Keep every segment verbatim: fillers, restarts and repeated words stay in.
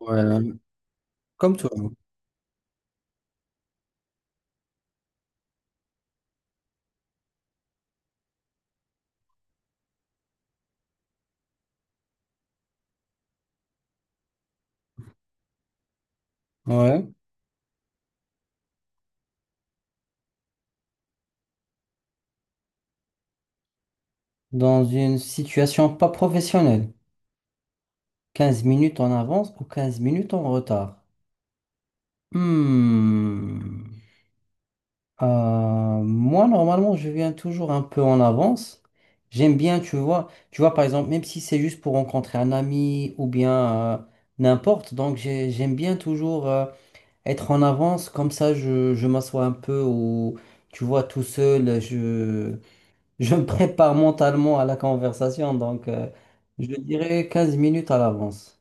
Ouais, comme toi. Ouais. Dans une situation pas professionnelle. Quinze minutes en avance ou quinze minutes en retard. Hmm. Euh, moi, normalement, je viens toujours un peu en avance. J'aime bien, tu vois, tu vois, par exemple, même si c'est juste pour rencontrer un ami ou bien euh, n'importe, donc j'ai- j'aime bien toujours euh, être en avance, comme ça je, je m'assois un peu ou, tu vois, tout seul, je, je me prépare mentalement à la conversation, donc euh, je dirais quinze minutes à l'avance.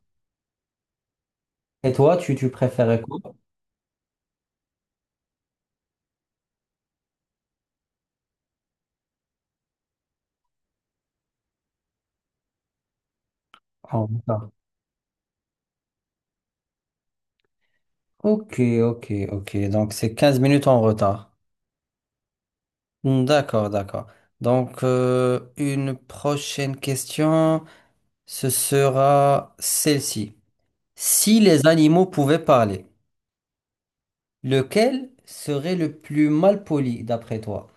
Et toi, tu, tu préférais quoi? En retard. Ok, ok, ok. Donc c'est quinze minutes en retard. Hmm, d'accord, d'accord. Donc euh, une prochaine question, ce sera celle-ci. Si les animaux pouvaient parler, lequel serait le plus mal poli d'après toi?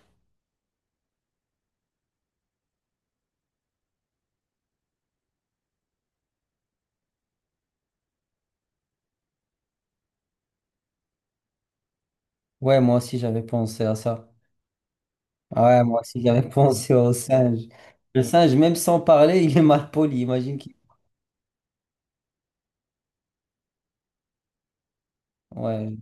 Ouais, moi aussi j'avais pensé à ça. Ah ouais, moi aussi, j'avais pensé au singe. Le singe, même sans parler, il est mal poli. Imagine qu'il. Ouais.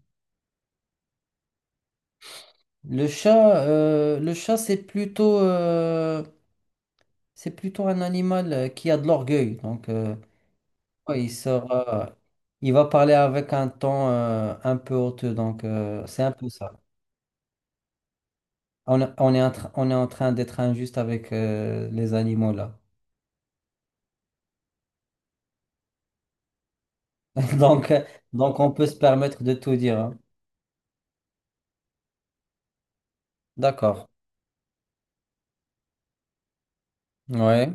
Le chat, euh, le chat, c'est plutôt, euh, c'est plutôt un animal euh, qui a de l'orgueil. Donc, euh, ouais, il sera, il va parler avec un ton euh, un peu hauteux. Donc, euh, c'est un peu ça. On, on est en train, on est en train d'être injuste avec euh, les animaux là. Donc, euh, donc, on peut se permettre de tout dire, hein. D'accord. Ouais.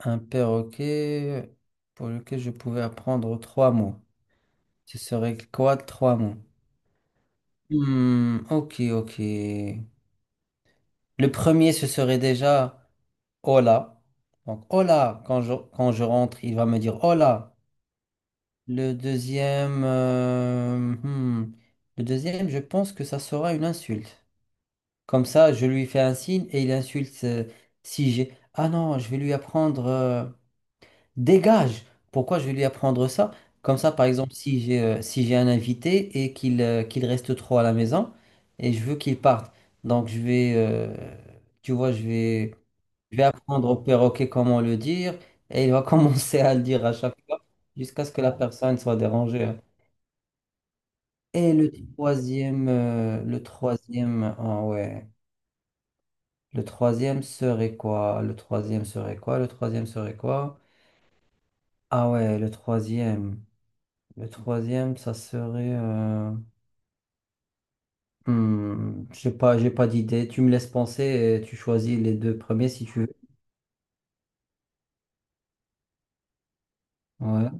Un perroquet pour lequel je pouvais apprendre trois mots. Ce serait quoi trois mots? Hmm, ok, ok. Le premier, ce serait déjà hola. Donc hola, quand je, quand je rentre, il va me dire hola. Le deuxième, euh, hmm, le deuxième, je pense que ça sera une insulte. Comme ça, je lui fais un signe et il insulte euh, si j'ai. Ah non, je vais lui apprendre, euh, dégage! Pourquoi je vais lui apprendre ça? Comme ça, par ouais exemple, si j'ai euh, si j'ai un invité et qu'il euh, qu'il reste trop à la maison et je veux qu'il parte, donc je vais, euh, tu vois, je vais, je vais apprendre au perroquet comment le dire et il va commencer à le dire à chaque fois jusqu'à ce que la personne soit dérangée, hein. Et le troisième, euh, le troisième, ah ouais, le troisième serait quoi? Le troisième serait quoi? Le troisième serait quoi? Ah ouais, le troisième. Le troisième, ça serait... Euh... hmm, j'ai pas, j'ai pas d'idée. Tu me laisses penser et tu choisis les deux premiers si tu veux. Ouais.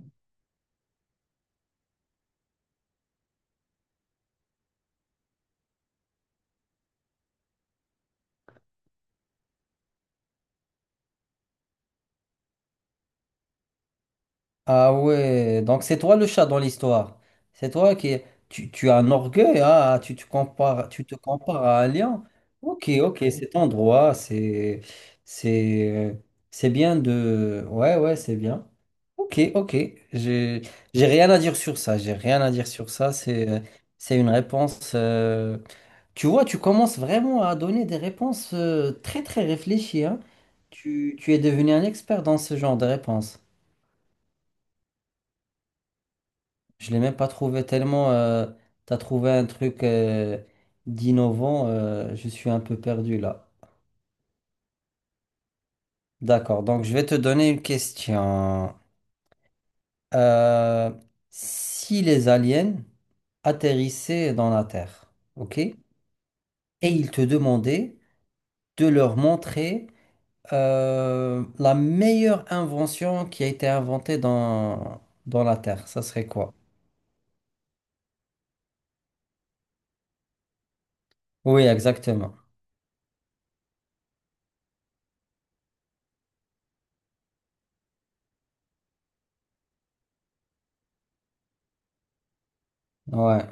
Ah ouais, donc c'est toi le chat dans l'histoire. C'est toi qui... Tu, tu as un orgueil, hein, ah, tu tu compares, tu te compares à un lion. Ok, ok, cet endroit, c'est... C'est... C'est bien de... Ouais, ouais, c'est bien. Ok, ok, j'ai j'ai rien à dire sur ça, j'ai rien à dire sur ça, c'est c'est une réponse... euh, tu vois, tu commences vraiment à donner des réponses euh, très très réfléchies, hein. Tu, tu es devenu un expert dans ce genre de réponses. Je l'ai même pas trouvé tellement. euh, t'as trouvé un truc euh, d'innovant. euh, je suis un peu perdu là. D'accord. Donc je vais te donner une question. Euh, si les aliens atterrissaient dans la Terre, ok, et ils te demandaient de leur montrer euh, la meilleure invention qui a été inventée dans dans la Terre, ça serait quoi? Oui, exactement. Ouais.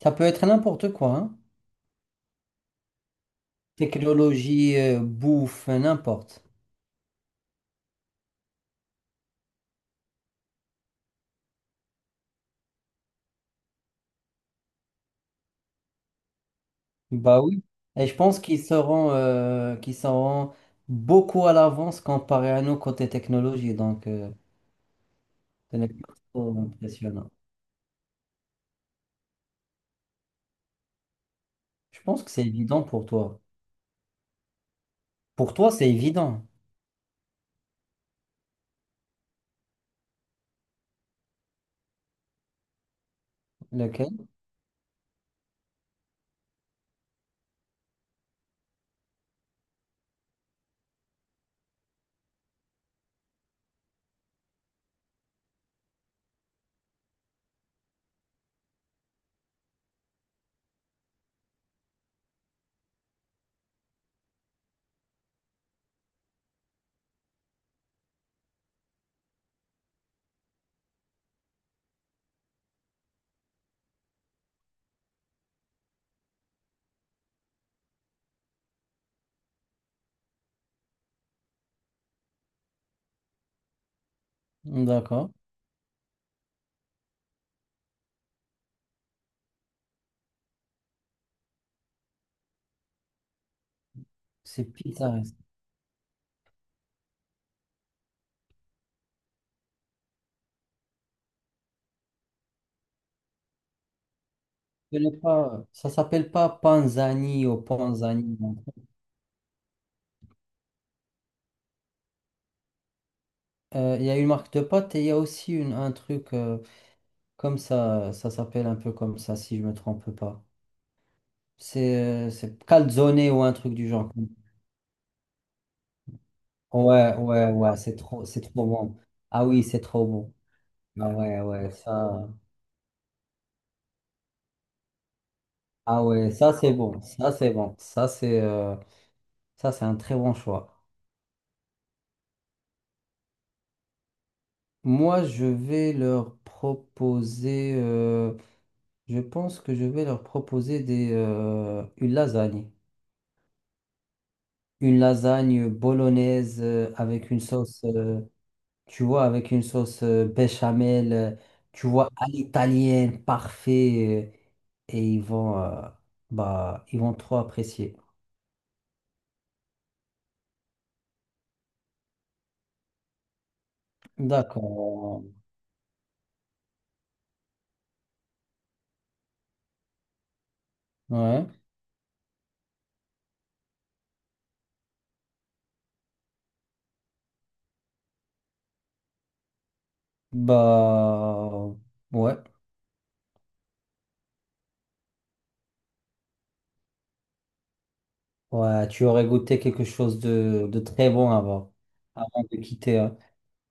Ça peut être n'importe quoi, hein. Technologie euh, bouffe, euh, n'importe. Bah oui. Et je pense qu'ils seront, euh, qu'ils seront beaucoup à l'avance comparé à nous côté technologie. Donc, euh, ce n'est pas trop impressionnant. Je pense que c'est évident pour toi. Pour toi, c'est évident. Lequel? D'accord. C'est pittoresque. Ce n'est pas, ça s'appelle pas Panzani ou Panzani. Euh, Il y a une marque de pâte et il y a aussi une, un truc euh, comme ça. Ça s'appelle un peu comme ça, si je me trompe pas. C'est euh, c'est calzone ou un truc du genre. Ouais, ouais, ouais, c'est trop, c'est trop bon. Ah oui, c'est trop bon. Ah ouais, ouais, ça. Ah ouais, ça c'est bon. Ça c'est bon. Ça c'est euh, ça c'est un très bon choix. Moi, je vais leur proposer. euh, je pense que je vais leur proposer des euh, une lasagne. Une lasagne bolognaise euh, avec une sauce. euh, tu vois, avec une sauce euh, béchamel, euh, tu vois, à l'italienne, parfait, euh, et ils vont, euh, bah, ils vont trop apprécier. D'accord. Ouais. Bah, ouais. Ouais, tu aurais goûté quelque chose de, de très bon avant, avant de quitter, hein.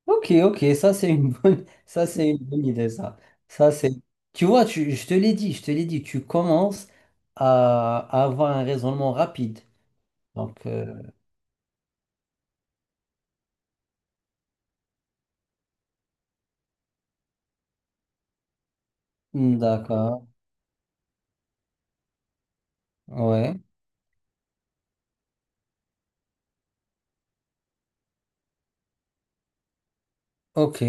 Ok, ok, ça c'est une bonne, ça c'est une bonne idée, ça. Ça c'est, tu vois, tu, je te l'ai dit, je te l'ai dit, tu commences à, à avoir un raisonnement rapide. Donc, euh, D'accord, ouais, ok.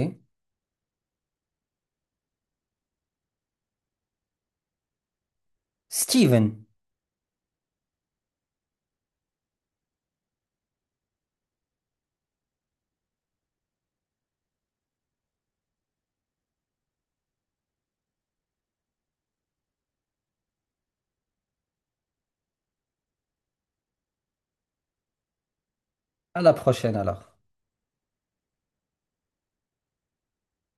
Steven, à la prochaine alors.